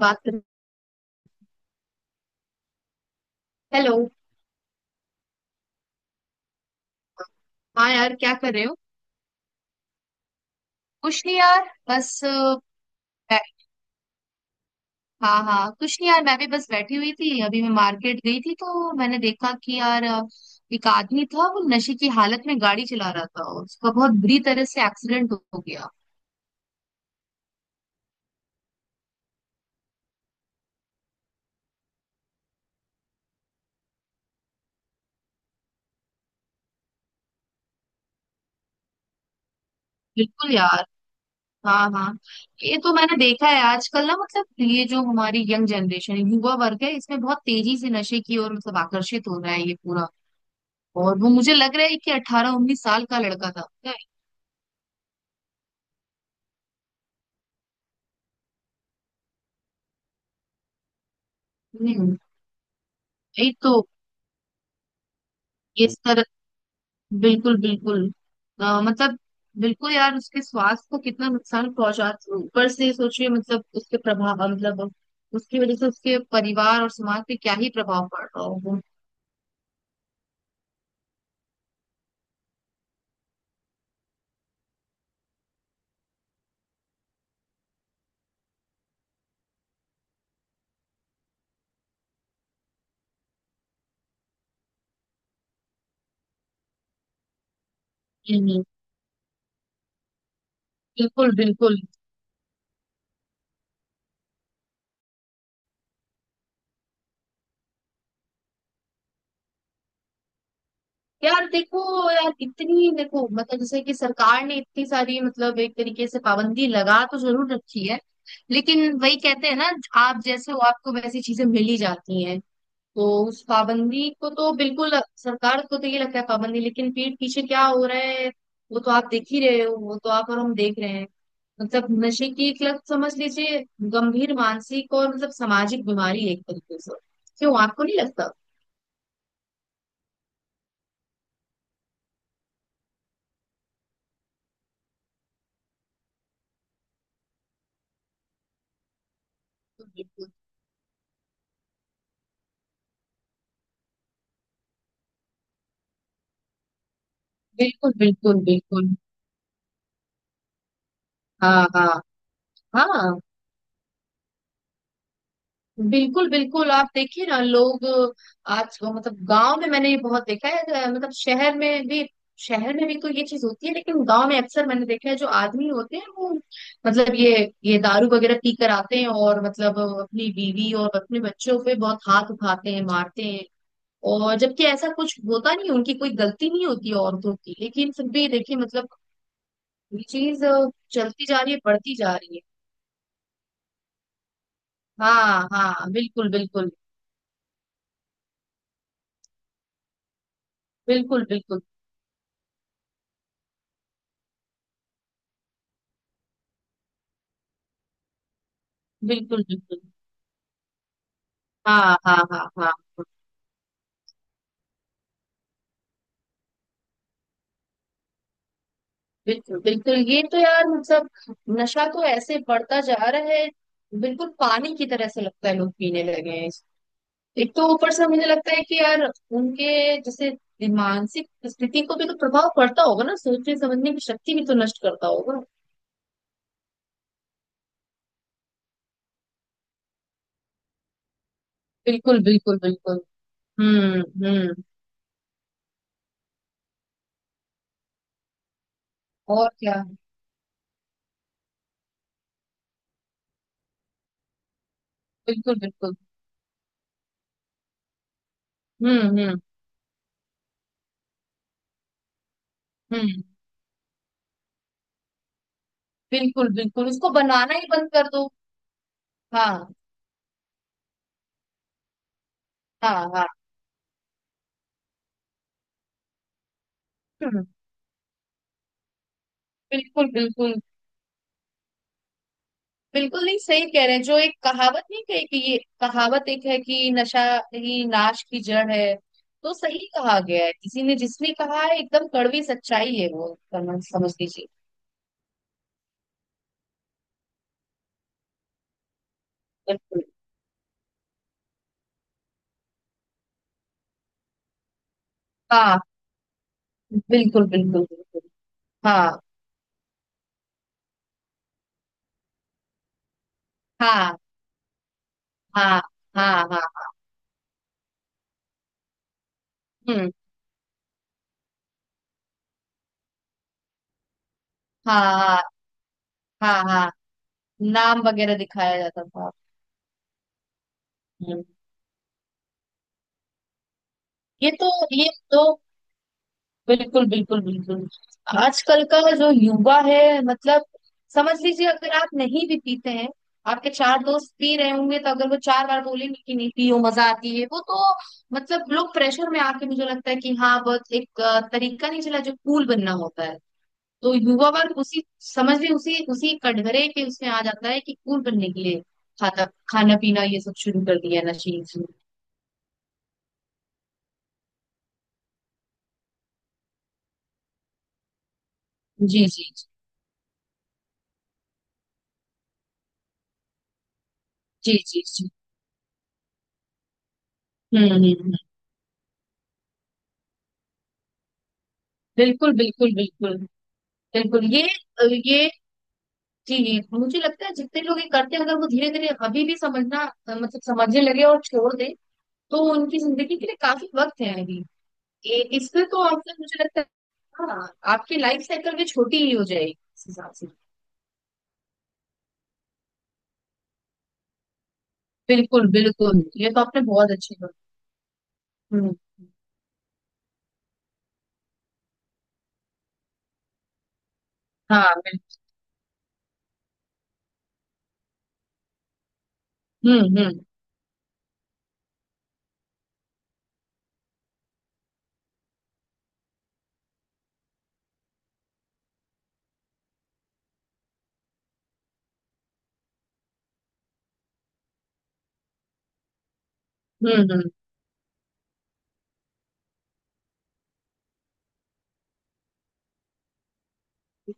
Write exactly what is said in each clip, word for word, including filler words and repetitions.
बात कर। हेलो। हाँ यार, क्या कर रहे हो? कुछ नहीं यार, बस अ, बै- हाँ हाँ, कुछ नहीं यार, मैं भी बस बैठी हुई थी। अभी मैं मार्केट गई थी तो मैंने देखा कि यार, अ, एक आदमी था, वो नशे की हालत में गाड़ी चला रहा था। उसका बहुत बुरी तरह से एक्सीडेंट हो गया। बिल्कुल यार। हाँ हाँ। ये तो मैंने देखा है आजकल ना, मतलब ये जो हमारी यंग जनरेशन युवा वर्ग है, इसमें बहुत तेजी से नशे की ओर मतलब आकर्षित हो रहा है ये पूरा। और वो मुझे लग रहा है कि अठारह उन्नीस साल का लड़का था। यही तो। ये सर। बिल्कुल बिल्कुल। अ, मतलब बिल्कुल यार, उसके स्वास्थ्य को कितना नुकसान पहुंचा। ऊपर से सोचिए, मतलब उसके प्रभाव, मतलब उसकी वजह से उसके परिवार और समाज पे क्या ही प्रभाव पड़ रहा होगा। हम्म। बिल्कुल बिल्कुल। यार देखो यार, इतनी देखो, मतलब जैसे कि सरकार ने इतनी सारी, मतलब एक तरीके से, पाबंदी लगा तो जरूर रखी है। लेकिन वही कहते हैं ना, आप जैसे हो आपको वैसी चीजें मिल ही जाती हैं। तो उस पाबंदी को तो बिल्कुल, सरकार को तो ये लगता है पाबंदी, लेकिन पीठ पीछे क्या हो रहा है, वो तो आप देख ही रहे हो, वो तो आप और हम देख रहे हैं। मतलब नशे की एक लत, समझ लीजिए, गंभीर मानसिक और मतलब सामाजिक बीमारी है एक तरीके से। क्यों, आपको नहीं लगता? बिल्कुल बिल्कुल बिल्कुल। बिल्कुल। हाँ हाँ हाँ। बिल्कुल बिल्कुल, आप देखिए ना, लोग आज, मतलब, गांव में मैंने ये बहुत देखा है, अ, मतलब शहर में भी। शहर में भी तो ये चीज होती है, लेकिन गांव में अक्सर मैंने देखा है जो आदमी होते हैं वो, मतलब ये ये दारू वगैरह पी कर आते हैं और मतलब अपनी बीवी और अपने बच्चों पे बहुत हाथ उठाते हैं, मारते हैं। और जबकि ऐसा कुछ होता नहीं, उनकी कोई गलती नहीं होती है औरतों की, लेकिन फिर भी देखिए मतलब ये चीज अ, चलती जा रही है, बढ़ती जा रही है। हाँ हाँ बिल्कुल बिल्कुल। बिल्कुल बिल्कुल बिल्कुल बिल्कुल। हाँ हाँ हाँ हाँ। बिल्कुल बिल्कुल। ये तो यार मतलब, नशा तो ऐसे बढ़ता जा रहा है, बिल्कुल पानी की तरह से लगता है लोग पीने लगे हैं। एक तो ऊपर से मुझे लगता है कि यार, उनके जैसे मानसिक स्थिति को भी तो प्रभाव पड़ता होगा ना, सोचने समझने की शक्ति भी तो नष्ट करता होगा। बिल्कुल बिल्कुल बिल्कुल। हम्म हम्म। और क्या। बिल्कुल बिल्कुल। हम्म हम्म हम्म। बिल्कुल बिल्कुल, उसको बनाना ही बंद कर दो। हाँ हाँ हाँ। हम्म। बिल्कुल बिल्कुल बिल्कुल। नहीं, सही कह रहे हैं। जो एक कहावत नहीं कही कि, ये कहावत एक है कि नशा ही नाश की जड़ है। तो सही कहा गया है किसी ने, जिसने कहा है एकदम कड़वी सच्चाई है वो, समझ समझ लीजिए। बिल्कुल। हाँ। बिल्कुल बिल्कुल बिल्कुल। हाँ हाँ हाँ हाँ हाँ। हम्म। हाँ हाँ हाँ हाँ। नाम वगैरह दिखाया जाता था। हम्म। ये तो, ये दो, बिल्कुल बिल्कुल बिल्कुल। आजकल का जो युवा है, मतलब समझ लीजिए, अगर आप नहीं भी पीते हैं, आपके चार दोस्त पी रहे होंगे तो अगर वो चार बार बोलेंगे कि नहीं पियो मजा आती है वो तो, मतलब, लोग प्रेशर में आके मुझे लगता है कि, हाँ, बहुत एक अ, तरीका नहीं चला जो कूल बनना होता है। तो युवा वर्ग उसी समझ ली उसी उसी कटघरे के उसमें आ जाता है कि कूल बनने के लिए खाता खाना पीना ये सब शुरू कर दिया है, नशीली चीजें। जी जी जी जी। जी जी। हम्म हम्म हम्म। बिल्कुल बिल्कुल बिल्कुल बिल्कुल। ये ये चीज मुझे लगता है, जितने लोग ये करते हैं अगर वो धीरे धीरे अभी भी समझना, अ, मतलब समझने लगे और छोड़ दे, तो उनकी जिंदगी के लिए काफी वक्त है अभी। ए- इसमें तो आपने मुझे लगता है, हाँ, आपकी लाइफ साइकिल भी छोटी ही हो जाएगी इस हिसाब से। बिल्कुल बिल्कुल, ये तो आपने बहुत अच्छी बात। हम्म। हाँ बिल्कुल। हम्म हम्म हम्म हम्म।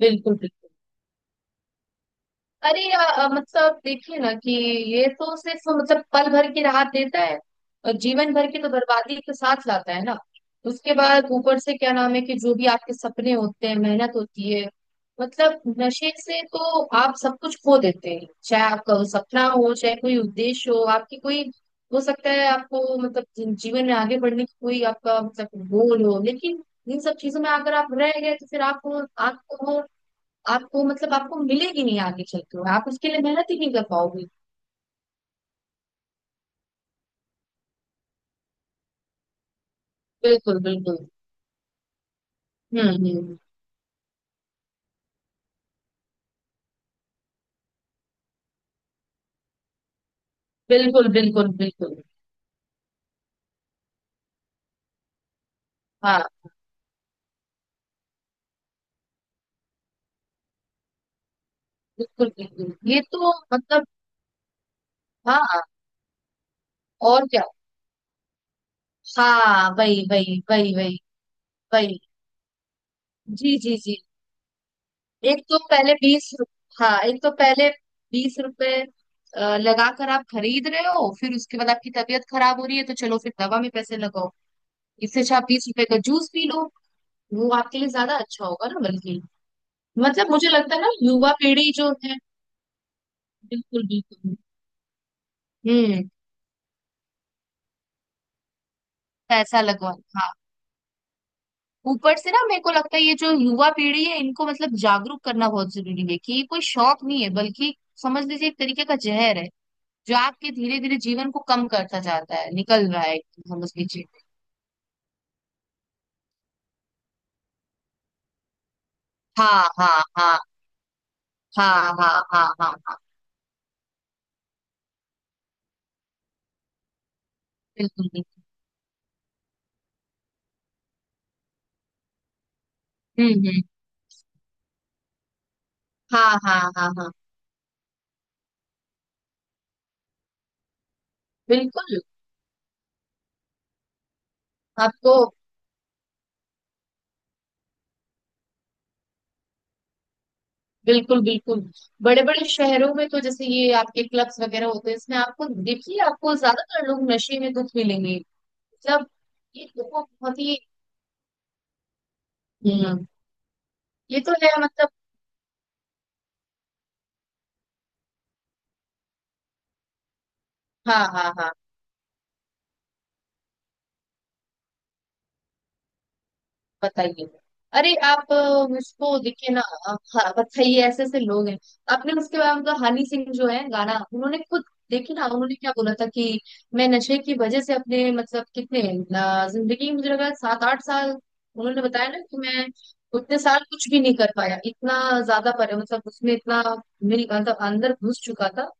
बिल्कुल बिल्कुल। अरे या, अ, मतलब देखिए ना कि ये तो सिर्फ मतलब पल भर की राहत देता है, और जीवन भर की तो बर्बादी के साथ लाता है ना। उसके बाद ऊपर से क्या नाम है कि जो भी आपके सपने होते हैं, मेहनत होती है, मतलब नशे से तो आप सब कुछ खो देते हैं, चाहे आपका वो सपना हो चाहे कोई उद्देश्य हो, आपकी कोई हो सकता है आपको मतलब जी- जीवन में आगे बढ़ने की कोई आपका मतलब गोल हो, लेकिन इन सब चीजों में अगर आप रह गए तो फिर आपको आपको आपको मतलब आपको मिलेगी नहीं, आगे चलते हुए आप उसके लिए मेहनत ही नहीं कर पाओगे। बिल्कुल बिल्कुल। हम्म हम्म। बिल्कुल बिल्कुल बिल्कुल। हाँ। बिल्कुल बिल्कुल, ये तो मतलब। हाँ। और क्या। हाँ वही वही वही वही वही। जी जी जी। एक तो पहले बीस, हाँ एक तो पहले बीस रुपए अ, लगा कर आप खरीद रहे हो, फिर उसके बाद आपकी तबीयत खराब हो रही है, तो चलो फिर दवा में पैसे लगाओ। इससे अच्छा आप बीस रुपए का जूस पी लो, वो आपके लिए ज्यादा अच्छा होगा ना, बल्कि मतलब मुझे लगता है ना युवा पीढ़ी जो है। बिल्कुल बिल्कुल। हम्म। पैसा लगवा, हाँ। ऊपर से ना, मेरे को लगता है ये जो युवा पीढ़ी है इनको मतलब जागरूक करना बहुत जरूरी है कि ये कोई शौक नहीं है, बल्कि समझ लीजिए एक तरीके का जहर है, जो आपके धीरे धीरे जीवन को कम करता जाता है, निकल रहा है, समझ लीजिए। हाँ हाँ हाँ हाँ हाँ हाँ हाँ हाँ। बिल्कुल बिल्कुल। हम्म हम्म। हाँ हाँ हाँ हाँ। बिल्कुल। आपको। बिल्कुल बिल्कुल। बड़े बड़े शहरों में तो जैसे ये आपके क्लब्स वगैरह होते हैं, इसमें आपको देखिए आपको ज्यादातर लोग नशे में दुख मिलेंगे। मतलब, ये देखो बहुत ही। हम्म। ये तो है मतलब। हाँ हाँ हाँ। बताइए। अरे आप अ, उसको देखिए ना। हाँ, बताइए ऐसे ऐसे लोग हैं। आपने उसके बाद मतलब हनी सिंह जो है गाना, उन्होंने खुद, देखिए ना, उन्होंने क्या बोला था कि मैं नशे की वजह से अपने मतलब कितने, अ, जिंदगी में मुझे लगा सात आठ साल, उन्होंने बताया ना कि मैं उतने साल कुछ भी नहीं कर पाया। इतना ज्यादा पर मतलब उसमें इतना मेरी मतलब अंदर घुस चुका था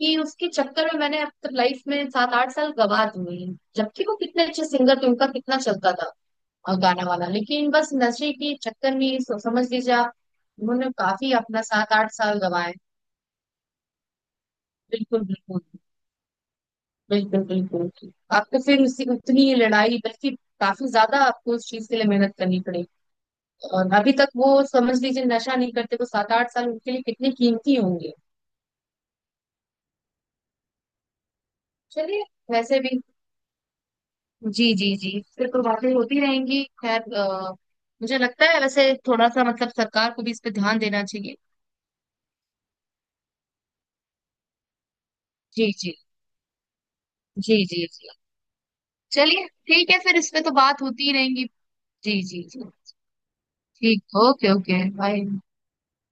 कि उसके चक्कर में मैंने अब तक लाइफ में सात आठ साल गवा दिए हैं। जबकि वो कितने अच्छे सिंगर थे, उनका कितना चलता था और गाना वाला, लेकिन बस नशे के चक्कर में सो- समझ लीजिए आप। उन्होंने काफी अपना सात आठ साल गंवाए। बिल्कुल बिल्कुल बिल्कुल बिल्कुल। आपको फिर उसी उतनी ही लड़ाई, बल्कि काफी ज्यादा आपको उस चीज के लिए मेहनत करनी पड़ेगी। और अभी तक वो समझ लीजिए नशा नहीं करते वो, सात आठ साल उनके लिए कितने कीमती होंगे। चलिए। वैसे भी, जी जी जी, फिर तो बातें होती रहेंगी। खैर, अ, मुझे लगता है वैसे थोड़ा सा मतलब सरकार को भी इस पे ध्यान देना चाहिए। जी जी जी जी जी। चलिए ठीक है, फिर इस पे तो बात होती ही रहेंगी। जी जी जी। ठीक। ओके। Okay bye.